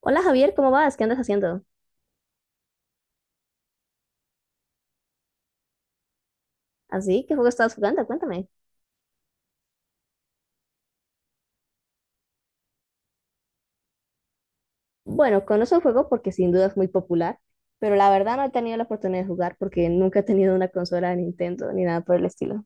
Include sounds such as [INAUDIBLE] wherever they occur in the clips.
Hola Javier, ¿cómo vas? ¿Qué andas haciendo? ¿Así? ¿Qué juego estabas jugando? Cuéntame. Bueno, conozco el juego porque sin duda es muy popular, pero la verdad no he tenido la oportunidad de jugar porque nunca he tenido una consola de Nintendo ni nada por el estilo.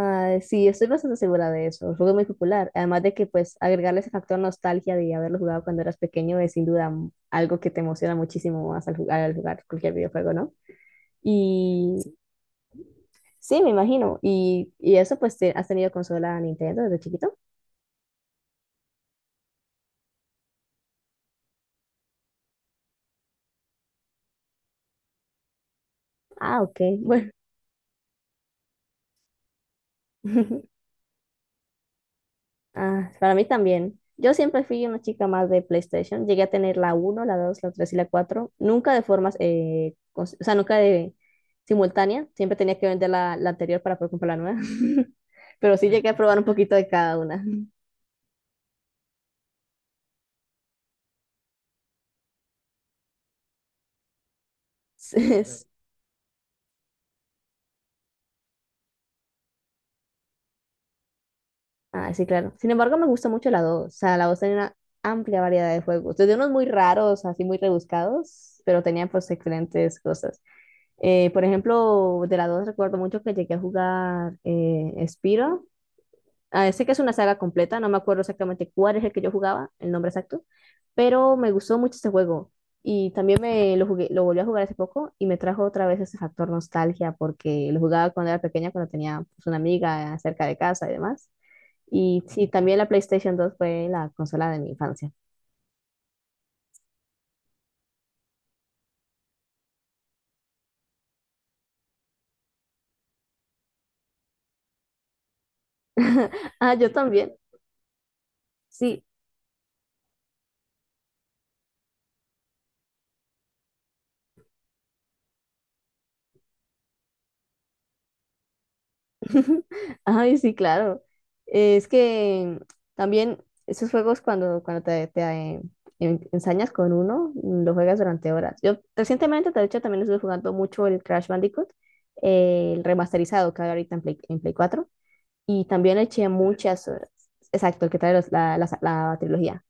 Ah, sí, estoy bastante segura de eso. El juego es muy popular. Además de que, pues, agregarle ese factor nostalgia de haberlo jugado cuando eras pequeño es sin duda algo que te emociona muchísimo más al jugar cualquier videojuego, ¿no? Y sí, me imagino. Y, eso, pues, ¿has tenido consola Nintendo desde chiquito? Ah, ok. Bueno. [LAUGHS] Ah, para mí también. Yo siempre fui una chica más de PlayStation. Llegué a tener la uno, la 2, la 3 y la 4. Nunca de formas, o sea, nunca de simultánea. Siempre tenía que vender la anterior para poder comprar la nueva. [LAUGHS] Pero sí llegué a probar un poquito de cada una. [LAUGHS] Sí, es- Ah, sí, claro. Sin embargo, me gusta mucho la 2. O sea, la 2 tenía una amplia variedad de juegos. Desde unos muy raros, así muy rebuscados, pero tenía pues excelentes cosas. Por ejemplo, de la 2 recuerdo mucho que llegué a jugar Spyro. Ah, sé que es una saga completa, no me acuerdo exactamente cuál es el que yo jugaba, el nombre exacto, pero me gustó mucho este juego y también me lo jugué, lo volví a jugar hace poco y me trajo otra vez ese factor nostalgia porque lo jugaba cuando era pequeña, cuando tenía pues, una amiga cerca de casa y demás. Y sí, también la PlayStation 2 fue la consola de mi infancia. [LAUGHS] Ah, yo también. Sí, [LAUGHS] ay, sí, claro. Es que también esos juegos cuando, ensañas con uno, lo juegas durante horas. Yo recientemente, de hecho, también estuve jugando mucho el Crash Bandicoot, el remasterizado que hay ahorita en Play 4 y también le eché muchas horas. Exacto, el que trae la trilogía.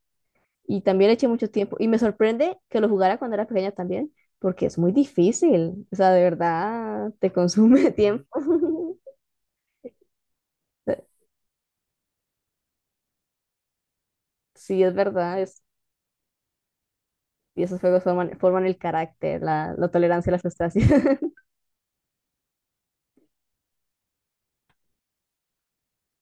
Y también le eché mucho tiempo. Y me sorprende que lo jugara cuando era pequeña también, porque es muy difícil. O sea, de verdad, te consume [LAUGHS] tiempo. [LAUGHS] Sí, es verdad, y esos juegos forman el carácter, la tolerancia a la frustración. [LAUGHS]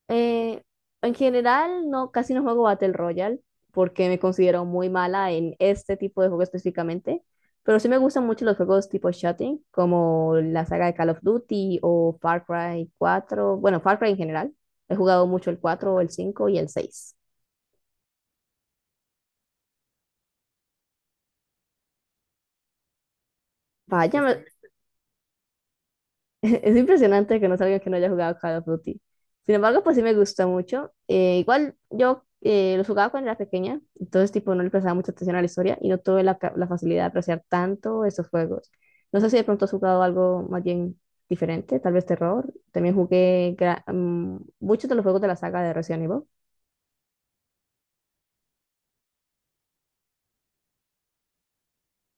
Eh, en general, no, casi no juego Battle Royale porque me considero muy mala en este tipo de juego específicamente, pero sí me gustan mucho los juegos tipo shooting, como la saga de Call of Duty o Far Cry cuatro, bueno, Far Cry en general. He jugado mucho el cuatro, el 5 y el seis. Vaya, me- [LAUGHS] Es impresionante que no salga que no haya jugado Call of Duty. Sin embargo, pues sí me gusta mucho. Igual yo los jugaba cuando era pequeña, entonces tipo no le prestaba mucha atención a la historia y no tuve la facilidad de apreciar tanto esos juegos. No sé si de pronto has jugado algo más bien diferente, tal vez terror. También jugué muchos de los juegos de la saga de Resident Evil.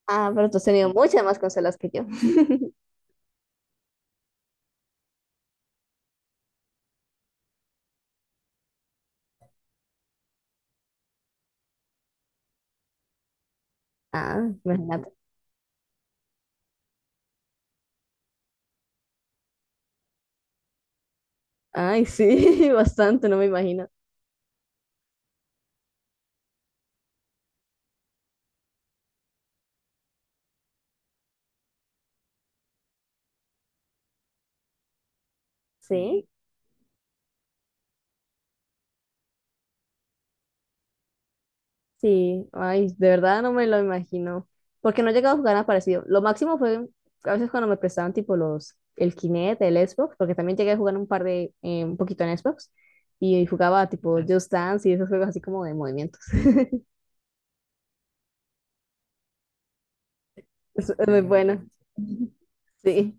Ah, pero tú has tenido muchas más consolas que yo. [LAUGHS] Ah, imagínate. Ay, sí, [LAUGHS] bastante, no me imagino. Sí. Sí, ay, de verdad no me lo imagino. Porque no he llegado a jugar nada parecido. Lo máximo fue a veces cuando me prestaban tipo el Kinect, el Xbox, porque también llegué a jugar un par de, un poquito en Xbox. Y jugaba tipo Just Dance y esos juegos así como de movimientos. [LAUGHS] Es muy bueno. Sí.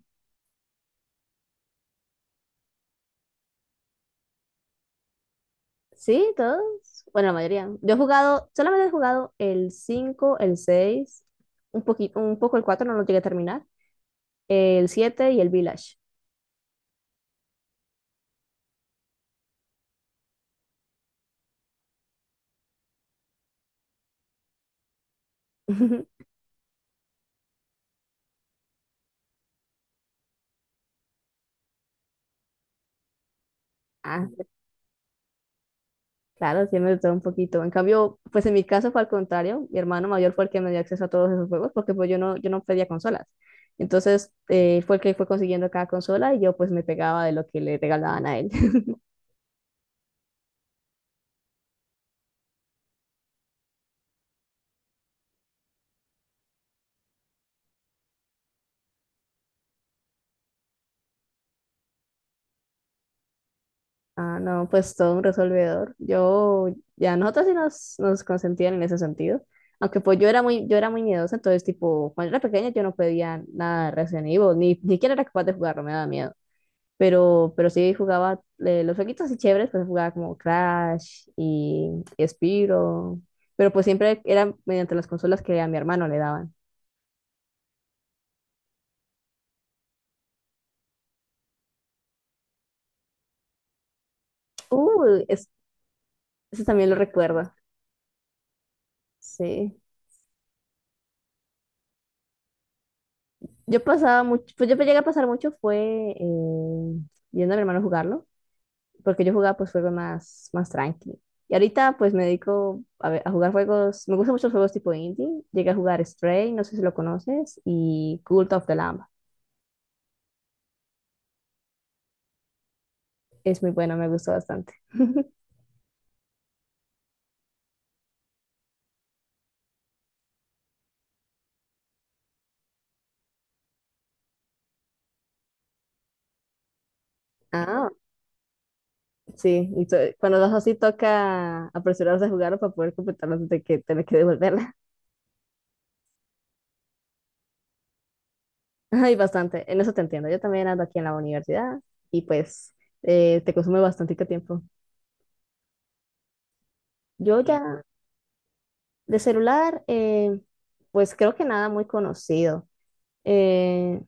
Sí, todos. Bueno, la mayoría. Yo he jugado, solamente he jugado el 5, el 6, un poquito, un poco el 4 no lo llegué a terminar. El 7 y el Village. [LAUGHS] Ah, Claro, tiene de todo un poquito. En cambio, pues en mi caso fue al contrario. Mi hermano mayor fue el que me dio acceso a todos esos juegos porque pues yo no pedía consolas. Entonces, fue el que fue consiguiendo cada consola y yo pues me pegaba de lo que le regalaban a él. [LAUGHS] Ah, no, pues todo un resolvedor. Yo, ya nosotros sí nos consentían en ese sentido. Aunque pues yo era muy miedosa, entonces tipo, cuando era pequeña yo no pedía nada de Resident Evil, ni siquiera era capaz de jugarlo, me daba miedo. Pero sí jugaba los jueguitos así chéveres, pues jugaba como Crash y Spyro. Pero pues siempre era mediante las consolas que a mi hermano le daban. Uh, es- Eso también lo recuerdo. Sí. Yo pasaba mucho, pues yo llegué a pasar mucho fue eh, viendo a mi hermano jugarlo, porque yo jugaba pues juegos más tranqui. Y ahorita pues me dedico a, a jugar juegos, me gustan mucho los juegos tipo indie. Llegué a jugar Stray, no sé si lo conoces, y Cult of the Lamb. Es muy bueno, me gustó bastante. [LAUGHS] Ah, sí. Y cuando das así toca apresurarse a jugarlo para poder completarlo antes de que tener que devolverla. [LAUGHS] Ay, bastante. En eso te entiendo. Yo también ando aquí en la universidad y pues te consume bastante tiempo. Yo ya de celular, pues creo que nada muy conocido. Eh,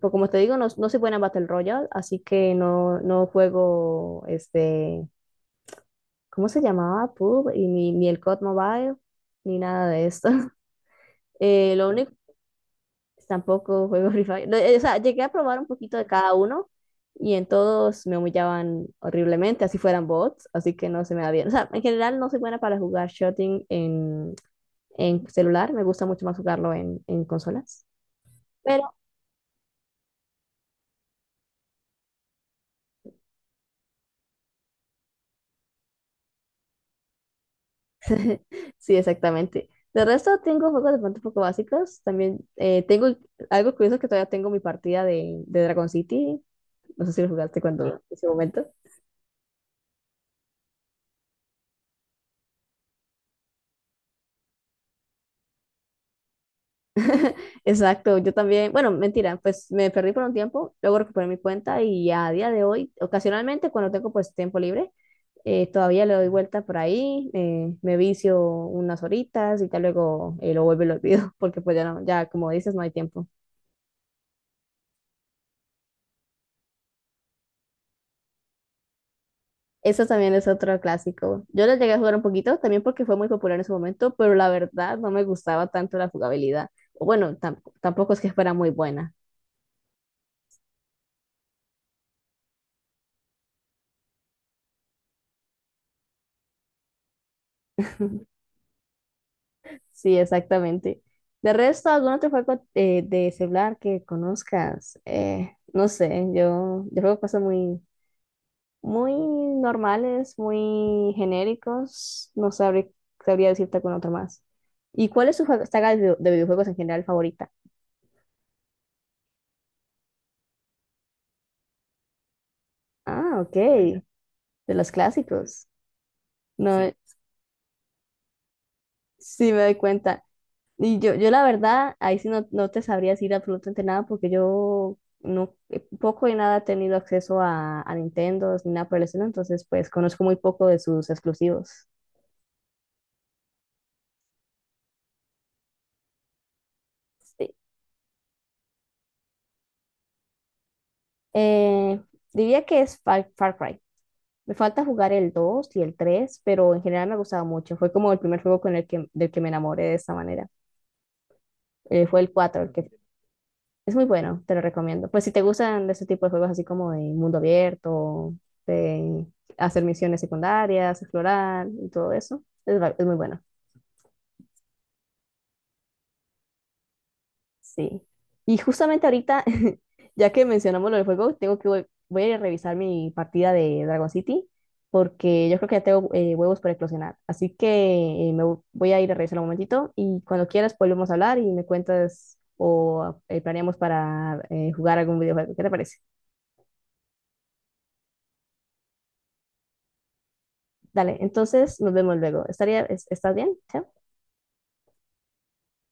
pues como te digo, no, no soy buena en Battle Royale, así que no, no juego este, ¿cómo se llamaba? PUB y ni el COD Mobile, ni nada de esto. [LAUGHS] Lo único Tampoco juego Free Fire. No, o sea, llegué a probar un poquito de cada uno y en todos me humillaban horriblemente, así fueran bots, así que no se me da bien. O sea, en general no soy buena para jugar shooting en celular, me gusta mucho más jugarlo en consolas. Pero [LAUGHS] sí, exactamente. De resto tengo juegos de pronto un poco básicos. También tengo algo curioso que todavía tengo mi partida de Dragon City. No sé si lo jugaste cuando en ese momento. Exacto, yo también, bueno, mentira, pues me perdí por un tiempo, luego recuperé mi cuenta y a día de hoy, ocasionalmente cuando tengo pues tiempo libre, todavía le doy vuelta por ahí, me vicio unas horitas y ya luego lo vuelvo y lo olvido, [LAUGHS] porque pues ya no, ya como dices, no hay tiempo. Eso también es otro clásico. Yo lo llegué a jugar un poquito, también porque fue muy popular en su momento, pero la verdad no me gustaba tanto la jugabilidad. O bueno, tampoco es que fuera muy buena. Sí, exactamente. De resto, ¿algún otro juego de celular que conozcas? No sé, yo juego cosas muy, muy normales, muy genéricos. No sabría decirte algún otro más. ¿Y cuál es su saga de, de videojuegos en general favorita? Ah, ok, de los clásicos. No, Sí. Sí me doy cuenta. Yo la verdad, ahí sí no, no te sabría decir absolutamente nada porque yo no, poco y nada he tenido acceso a Nintendo ni nada por el estilo, entonces pues conozco muy poco de sus exclusivos. Sí. Eh, Diría que es Far Cry. Me falta jugar el 2 y el tres, pero en general me ha gustado mucho. Fue como el primer juego con el que, del que me enamoré de esta manera. Fue el cuatro. Es muy bueno, te lo recomiendo. Pues si te gustan de ese tipo de juegos así como de mundo abierto, de hacer misiones secundarias, explorar y todo eso, es muy bueno. Sí. Y justamente ahorita, [LAUGHS] ya que mencionamos lo del juego, tengo que voy a ir a revisar mi partida de Dragon City porque yo creo que ya tengo huevos para eclosionar. Así que voy a ir a revisar un momentito y cuando quieras volvemos a hablar y me cuentas o planeamos para jugar algún videojuego. ¿Qué te parece? Dale, entonces nos vemos luego. ¿Estás bien? Chao.